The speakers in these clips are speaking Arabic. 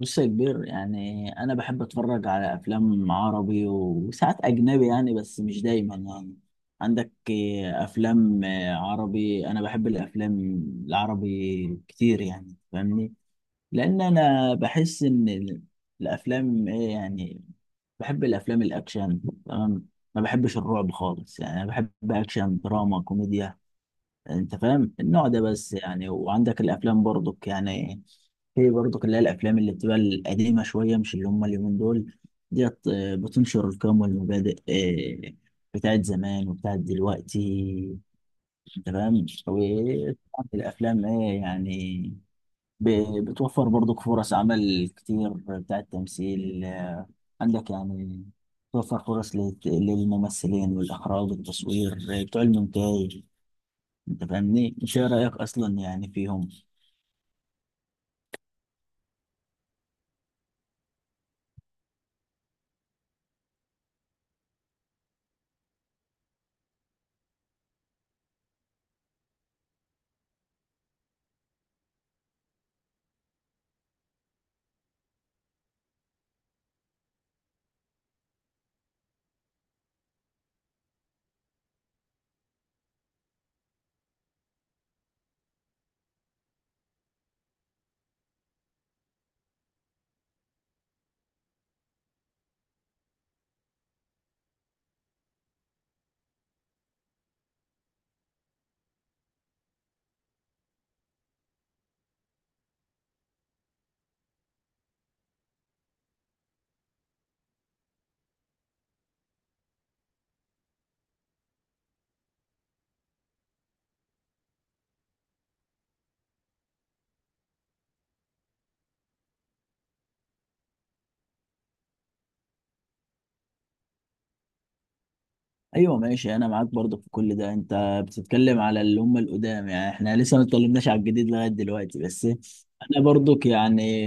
بص يا كبير، يعني انا بحب اتفرج على افلام عربي وساعات اجنبي يعني، بس مش دايما يعني. عندك افلام عربي. انا بحب الافلام العربي كتير، يعني فاهمني. لان انا بحس ان الافلام ايه يعني. بحب الافلام الاكشن. تمام. ما بحبش الرعب خالص، يعني انا بحب اكشن دراما كوميديا. انت فاهم النوع ده بس، يعني وعندك الافلام برضك يعني. في برضك اللي هي الافلام اللي بتبقى القديمه شويه، مش اللي هم اليومين دول ديت، بتنشر القيم والمبادئ، آه، بتاعت زمان وبتاعت دلوقتي. انت فاهم؟ وطبعاً الافلام ايه يعني، بتوفر برضك فرص عمل كتير بتاعت تمثيل. عندك يعني توفر فرص للممثلين والإخراج والتصوير، بتوع المونتاج. انت فاهمني، ايش رايك اصلا يعني فيهم؟ ايوه ماشي، انا معاك برضه في كل ده. انت بتتكلم على اللي هم القدام، يعني احنا لسه ما اتكلمناش على الجديد لغايه دلوقتي بس. انا برضك يعني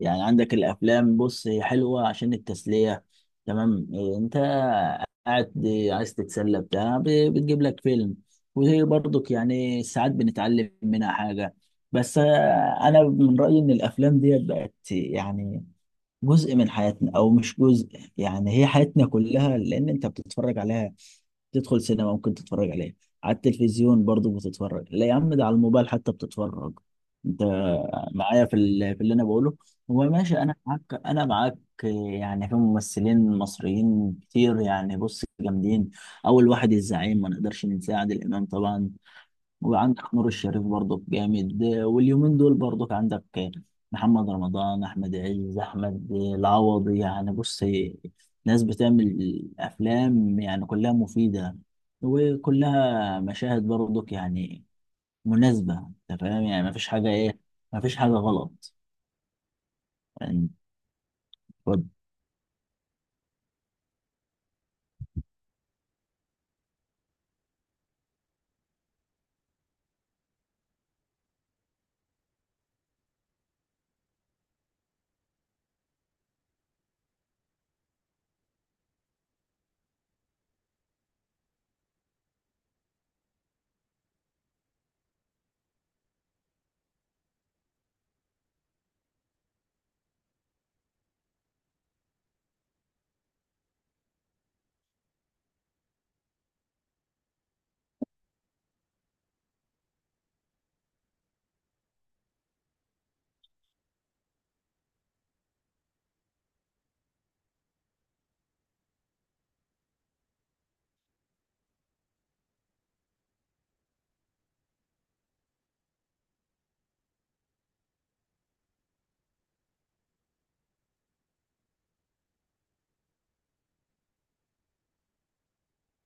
يعني عندك الافلام. بص، هي حلوه عشان التسليه. تمام. انت قاعد عايز تتسلى بتاع، بتجيب لك فيلم. وهي برضك يعني ساعات بنتعلم منها حاجه. بس، انا من رايي ان الافلام ديت بقت يعني جزء من حياتنا او مش جزء. يعني هي حياتنا كلها، لان انت بتتفرج عليها، تدخل سينما ممكن تتفرج عليها، على التلفزيون برضو بتتفرج، لا يا عم، ده على الموبايل حتى بتتفرج. انت معايا في اللي انا بقوله؟ هو ماشي، انا معاك. يعني في ممثلين مصريين كتير، يعني بص جامدين. اول واحد الزعيم ما نقدرش ننساه، عادل امام طبعا. وعندك نور الشريف برضك جامد. واليومين دول برضك عندك محمد رمضان، احمد عز، احمد العوضي. يعني بص، ناس بتعمل افلام يعني كلها مفيدة، وكلها مشاهد برضك يعني مناسبة. انت فاهم يعني، ما فيش حاجة ايه، ما فيش حاجة غلط يعني. طب،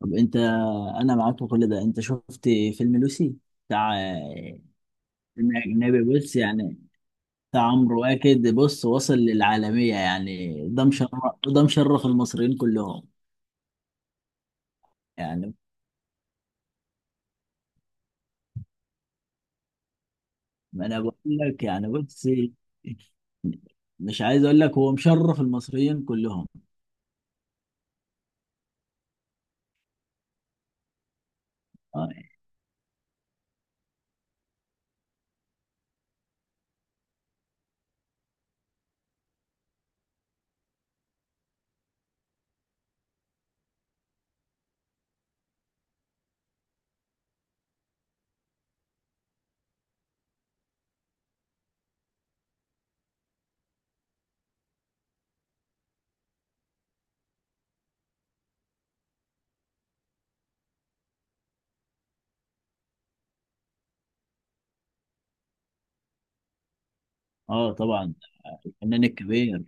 طب انت، انا معاك في كل ده. انت شفت فيلم لوسي بتاع، فيلم اجنبي بص يعني، بتاع عمرو واكد، بص وصل للعالمية؟ يعني ده مشرف. ده مشرف المصريين كلهم. يعني ما انا بقول لك يعني بص، مش عايز اقول لك، هو مشرف المصريين كلهم. اه، آه طبعا. الفنان الكبير.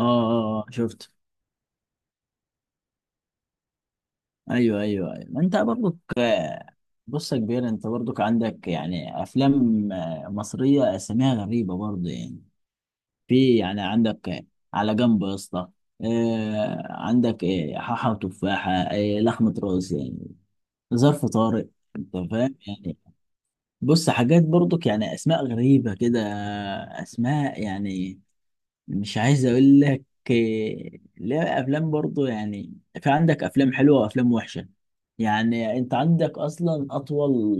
اه، اه، اه، شفت. ايوه، ايوه، ايوه، ما انت برضك. بص يا كبير، انت برضك عندك يعني افلام مصرية، اساميها غريبة برضه يعني. في يعني عندك، على جنب يا اسطى، عندك حاحة وتفاحة، لحمة راس يعني، ظرف طارئ. انت فاهم يعني. بص حاجات برضك يعني اسماء غريبة كده، اسماء يعني مش عايز اقول لك، لا، افلام برضو يعني. في عندك افلام حلوة وافلام وحشة. يعني انت عندك اصلا اطول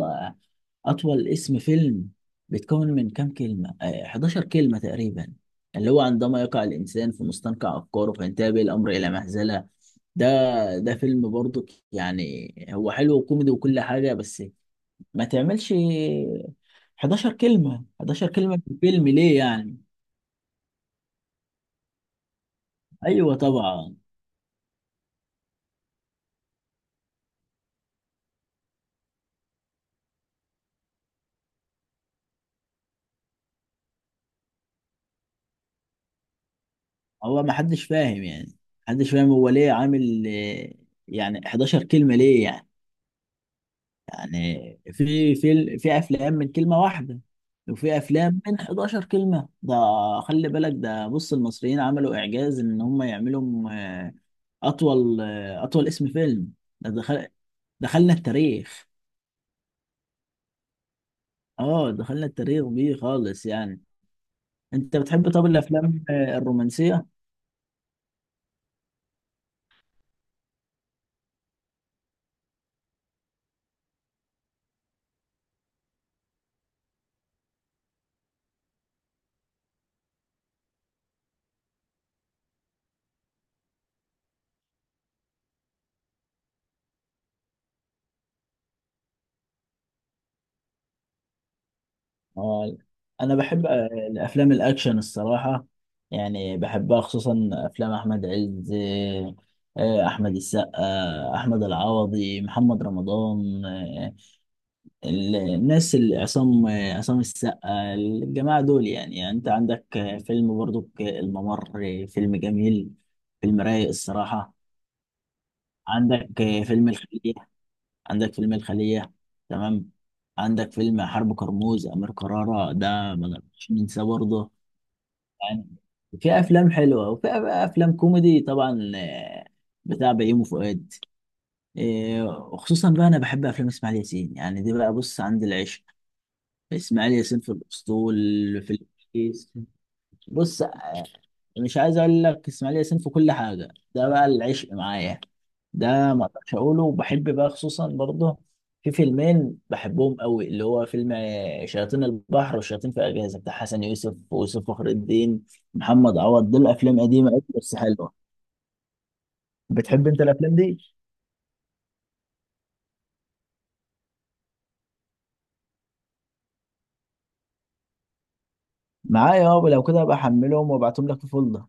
أطول اسم فيلم بيتكون من كام كلمة؟ 11 كلمة تقريبا، اللي هو: عندما يقع الإنسان في مستنقع أفكاره فينتهي به الأمر إلى مهزلة. ده ده فيلم برضو. يعني هو حلو وكوميدي وكل حاجة، بس ما تعملش 11 كلمة، 11 كلمة في فيلم ليه يعني؟ أيوه طبعا. هو ما حدش فاهم يعني، محدش فاهم هو ليه عامل، يعني 11 كلمة ليه يعني؟ يعني في افلام من كلمه واحده، وفي افلام من 11 كلمه ده. خلي بالك ده، بص المصريين عملوا اعجاز ان هم يعملوا اطول اطول اسم فيلم. ده دخلنا التاريخ. اه، دخلنا التاريخ بيه خالص يعني. انت بتحب؟ طب، الافلام الرومانسيه؟ آه، انا بحب الافلام الاكشن الصراحه. يعني بحبها خصوصا افلام احمد عز، احمد السقا، احمد العوضي، محمد رمضان، الناس اللي عصام، عصام السقا. الجماعه دول يعني انت عندك فيلم برضو الممر. فيلم جميل، فيلم رايق الصراحه. عندك فيلم الخلية. عندك فيلم الخلية تمام. عندك فيلم حرب كرموز، أمير كرارة ده ما نقدرش ننساه برضه. يعني في أفلام حلوة وفي أفلام كوميدي طبعا، بتاع بيومي فؤاد. وخصوصا بقى أنا بحب أفلام إسماعيل ياسين. يعني دي بقى بص: عند العشق، إسماعيل ياسين في الأسطول، في الكيس، بص. يعني مش عايز اقول لك، اسماعيل ياسين في كل حاجه ده بقى العشق معايا، ده ما اقدرش اقوله. وبحب بقى خصوصا برضه في فيلمين بحبهم قوي، اللي هو فيلم شياطين البحر، والشياطين في اجهزه، بتاع حسن يوسف ويوسف فخر الدين، محمد عوض. دول افلام قديمه قوي بس حلوه. بتحب انت الافلام دي؟ معايا. اه، لو كده ابقى احملهم وابعتهم لك في فولدر.